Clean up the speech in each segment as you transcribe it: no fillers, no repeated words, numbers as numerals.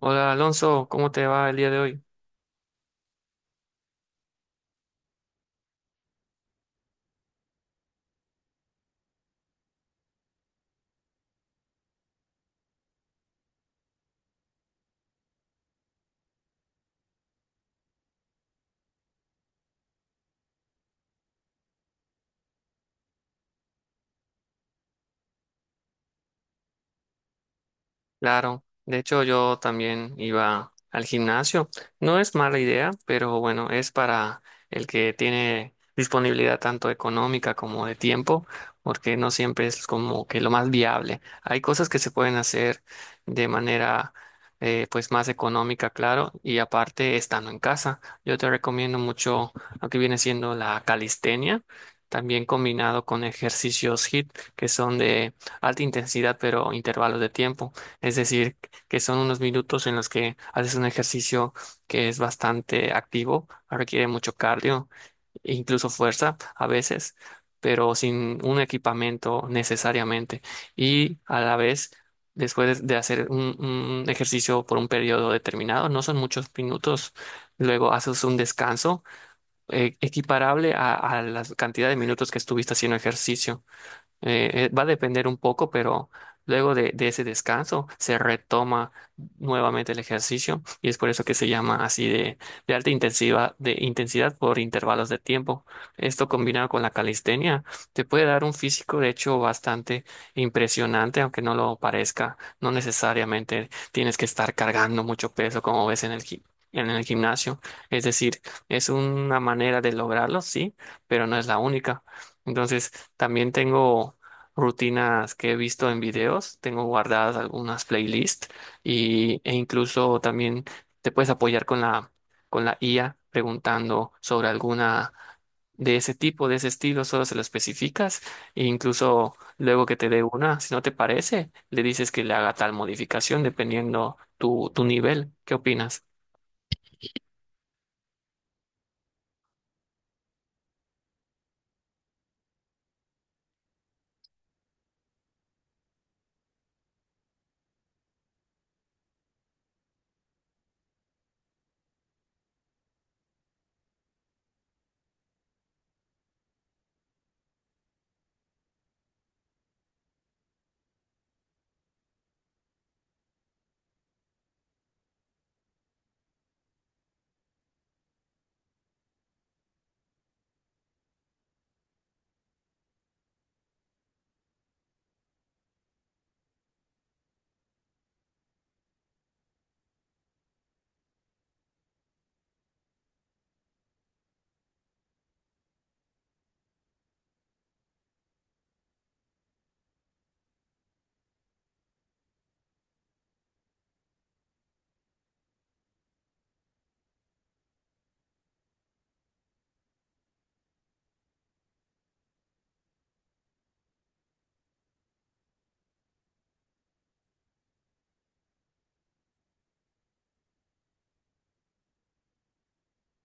Hola Alonso, ¿cómo te va el día de hoy? Claro, de hecho yo también iba al gimnasio. No es mala idea, pero bueno, es para el que tiene disponibilidad tanto económica como de tiempo, porque no siempre es como que lo más viable. Hay cosas que se pueden hacer de manera pues más económica, claro, y aparte estando en casa. Yo te recomiendo mucho lo que viene siendo la calistenia, también combinado con ejercicios HIIT, que son de alta intensidad, pero intervalos de tiempo. Es decir, que son unos minutos en los que haces un ejercicio que es bastante activo, requiere mucho cardio e incluso fuerza a veces, pero sin un equipamiento necesariamente. Y a la vez, después de hacer un ejercicio por un periodo determinado, no son muchos minutos, luego haces un descanso equiparable a la cantidad de minutos que estuviste haciendo ejercicio. Va a depender un poco, pero luego de ese descanso se retoma nuevamente el ejercicio y es por eso que se llama así de alta intensidad, de intensidad por intervalos de tiempo. Esto combinado con la calistenia te puede dar un físico, de hecho, bastante impresionante, aunque no lo parezca. No necesariamente tienes que estar cargando mucho peso como ves en el en el gimnasio. Es decir, es una manera de lograrlo, sí, pero no es la única. Entonces, también tengo rutinas que he visto en videos, tengo guardadas algunas playlists e incluso también te puedes apoyar con con la IA preguntando sobre alguna de ese tipo, de ese estilo, solo se lo especificas e incluso luego que te dé una, si no te parece, le dices que le haga tal modificación dependiendo tu nivel. ¿Qué opinas?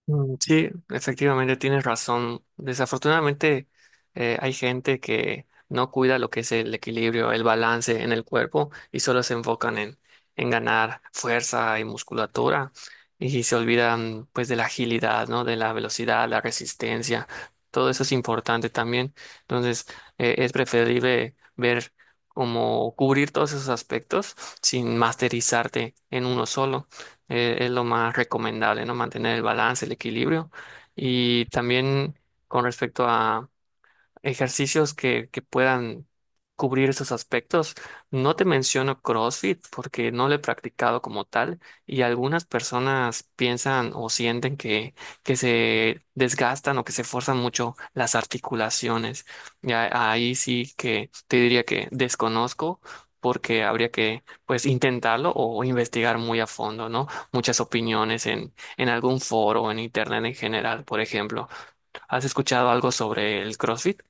Mm, sí, efectivamente tienes razón. Desafortunadamente hay gente que no cuida lo que es el equilibrio, el balance en el cuerpo y solo se enfocan en ganar fuerza y musculatura y se olvidan pues de la agilidad, ¿no? De la velocidad, la resistencia. Todo eso es importante también. Entonces es preferible ver cómo cubrir todos esos aspectos sin masterizarte en uno solo es lo más recomendable, ¿no? Mantener el balance, el equilibrio. Y también con respecto a, ejercicios que puedan cubrir esos aspectos. No te menciono CrossFit porque no lo he practicado como tal y algunas personas piensan o sienten que se desgastan o que se forzan mucho las articulaciones. Ya ahí sí que te diría que desconozco, porque habría que pues intentarlo o investigar muy a fondo, ¿no? Muchas opiniones en algún foro, en internet en general, por ejemplo. ¿Has escuchado algo sobre el CrossFit?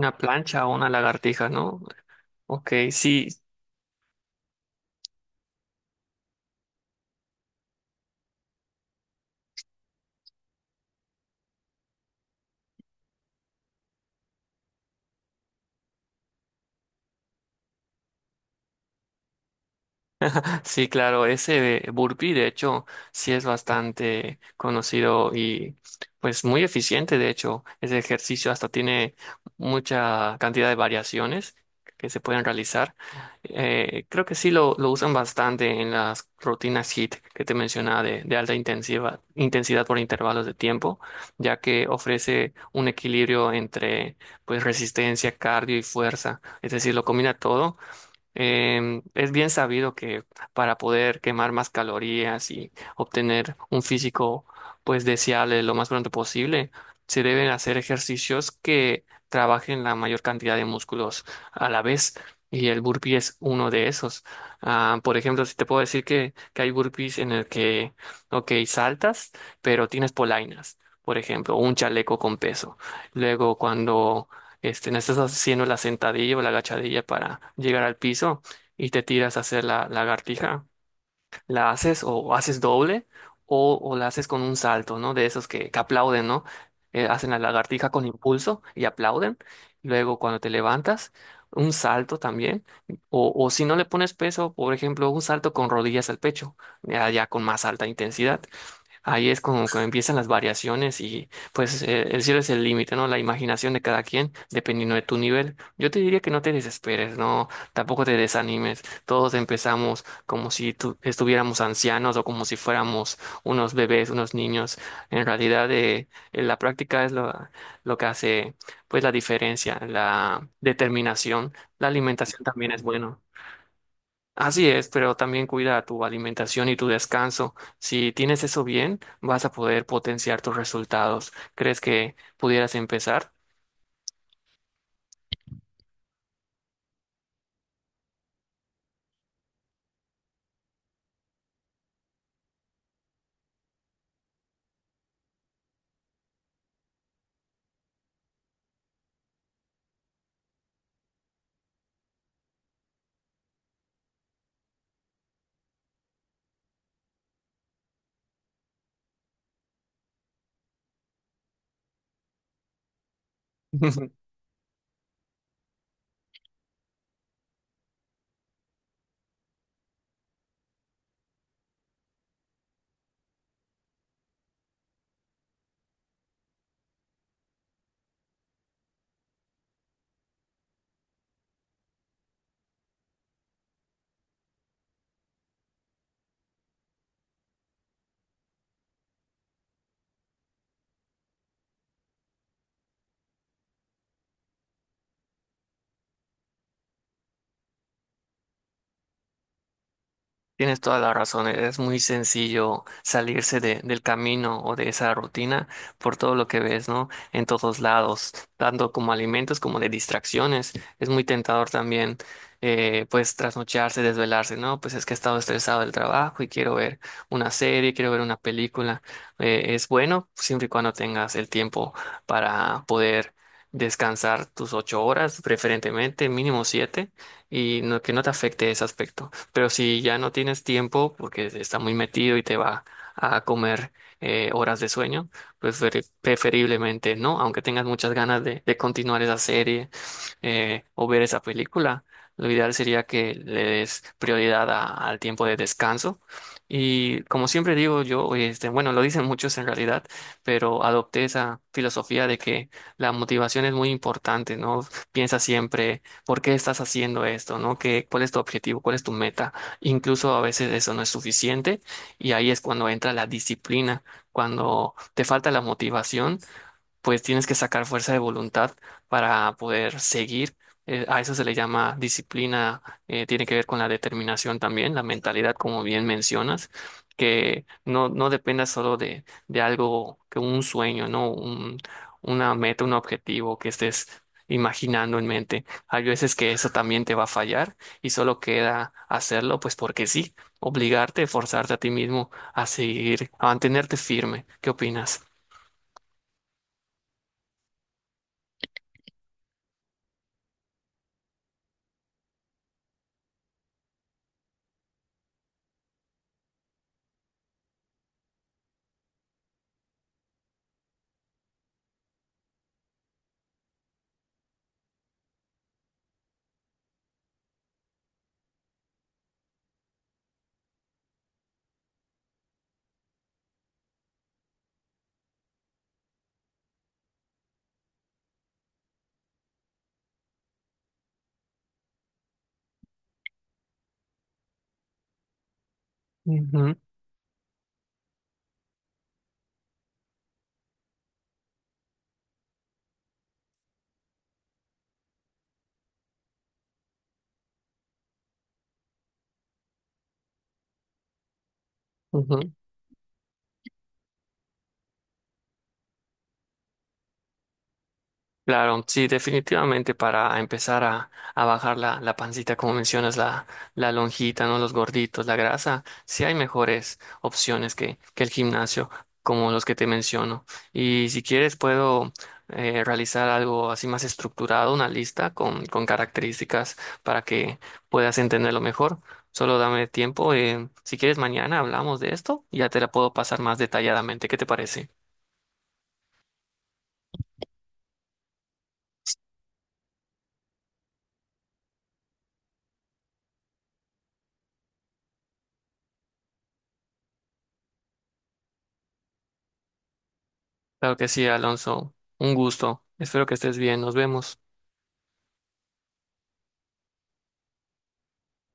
Una plancha o una lagartija, ¿no? Ok, sí. Sí, claro, ese burpee de hecho sí es bastante conocido y pues muy eficiente de hecho. Ese ejercicio hasta tiene mucha cantidad de variaciones que se pueden realizar. Creo que sí lo usan bastante en las rutinas HIIT que te mencionaba de alta intensiva, intensidad por intervalos de tiempo, ya que ofrece un equilibrio entre pues resistencia, cardio y fuerza. Es decir, lo combina todo. Es bien sabido que para poder quemar más calorías y obtener un físico pues deseable lo más pronto posible, se deben hacer ejercicios que trabajen la mayor cantidad de músculos a la vez y el burpee es uno de esos. Ah, por ejemplo, si te puedo decir que hay burpees en el que, ok, saltas, pero tienes polainas. Por ejemplo, un chaleco con peso. Luego, cuando no estás haciendo la sentadilla o la agachadilla para llegar al piso y te tiras a hacer la lagartija. La haces o haces doble o la haces con un salto, ¿no? De esos que aplauden, ¿no? Hacen la lagartija con impulso y aplauden. Luego, cuando te levantas, un salto también. O si no le pones peso, por ejemplo, un salto con rodillas al pecho, ya con más alta intensidad. Ahí es como que empiezan las variaciones y pues el cielo es el límite, ¿no? La imaginación de cada quien, dependiendo de tu nivel. Yo te diría que no te desesperes, no, tampoco te desanimes. Todos empezamos como si estuviéramos ancianos o como si fuéramos unos bebés, unos niños. En realidad, la práctica es lo que hace pues la diferencia, la determinación. La alimentación también es buena. Así es, pero también cuida tu alimentación y tu descanso. Si tienes eso bien, vas a poder potenciar tus resultados. ¿Crees que pudieras empezar? Tienes toda la razón, es muy sencillo salirse del camino o de esa rutina por todo lo que ves, ¿no? En todos lados, tanto como alimentos como de distracciones. Es muy tentador también, pues, trasnocharse, desvelarse, ¿no? Pues es que he estado estresado del trabajo y quiero ver una serie, quiero ver una película. Es bueno siempre y cuando tengas el tiempo para poder descansar tus ocho horas, preferentemente mínimo siete, y no, que no te afecte ese aspecto. Pero si ya no tienes tiempo porque está muy metido y te va a comer horas de sueño, pues preferiblemente no, aunque tengas muchas ganas de continuar esa serie o ver esa película, lo ideal sería que le des prioridad al tiempo de descanso. Y como siempre digo yo, este, bueno, lo dicen muchos en realidad, pero adopté esa filosofía de que la motivación es muy importante, ¿no? Piensa siempre ¿Por qué estás haciendo esto? ¿No? Cuál es tu objetivo? ¿Cuál es tu meta? Incluso a veces eso no es suficiente y ahí es cuando entra la disciplina, cuando te falta la motivación pues tienes que sacar fuerza de voluntad para poder seguir. A eso se le llama disciplina, tiene que ver con la determinación también, la mentalidad, como bien mencionas, que no, no dependa solo de algo, que un sueño, ¿no? Un, una meta, un objetivo que estés imaginando en mente. Hay veces que eso también te va a fallar y solo queda hacerlo, pues porque sí, obligarte, forzarte a ti mismo a seguir, a mantenerte firme. ¿Qué opinas? Ujú, ujú. Claro, sí, definitivamente para empezar a bajar la pancita, como mencionas, la lonjita, ¿no? Los gorditos, la grasa, sí hay mejores opciones que el gimnasio, como los que te menciono. Y si quieres, puedo realizar algo así más estructurado, una lista con características para que puedas entenderlo mejor. Solo dame tiempo. Si quieres, mañana hablamos de esto y ya te la puedo pasar más detalladamente. ¿Qué te parece? Claro que sí, Alonso. Un gusto. Espero que estés bien. Nos vemos.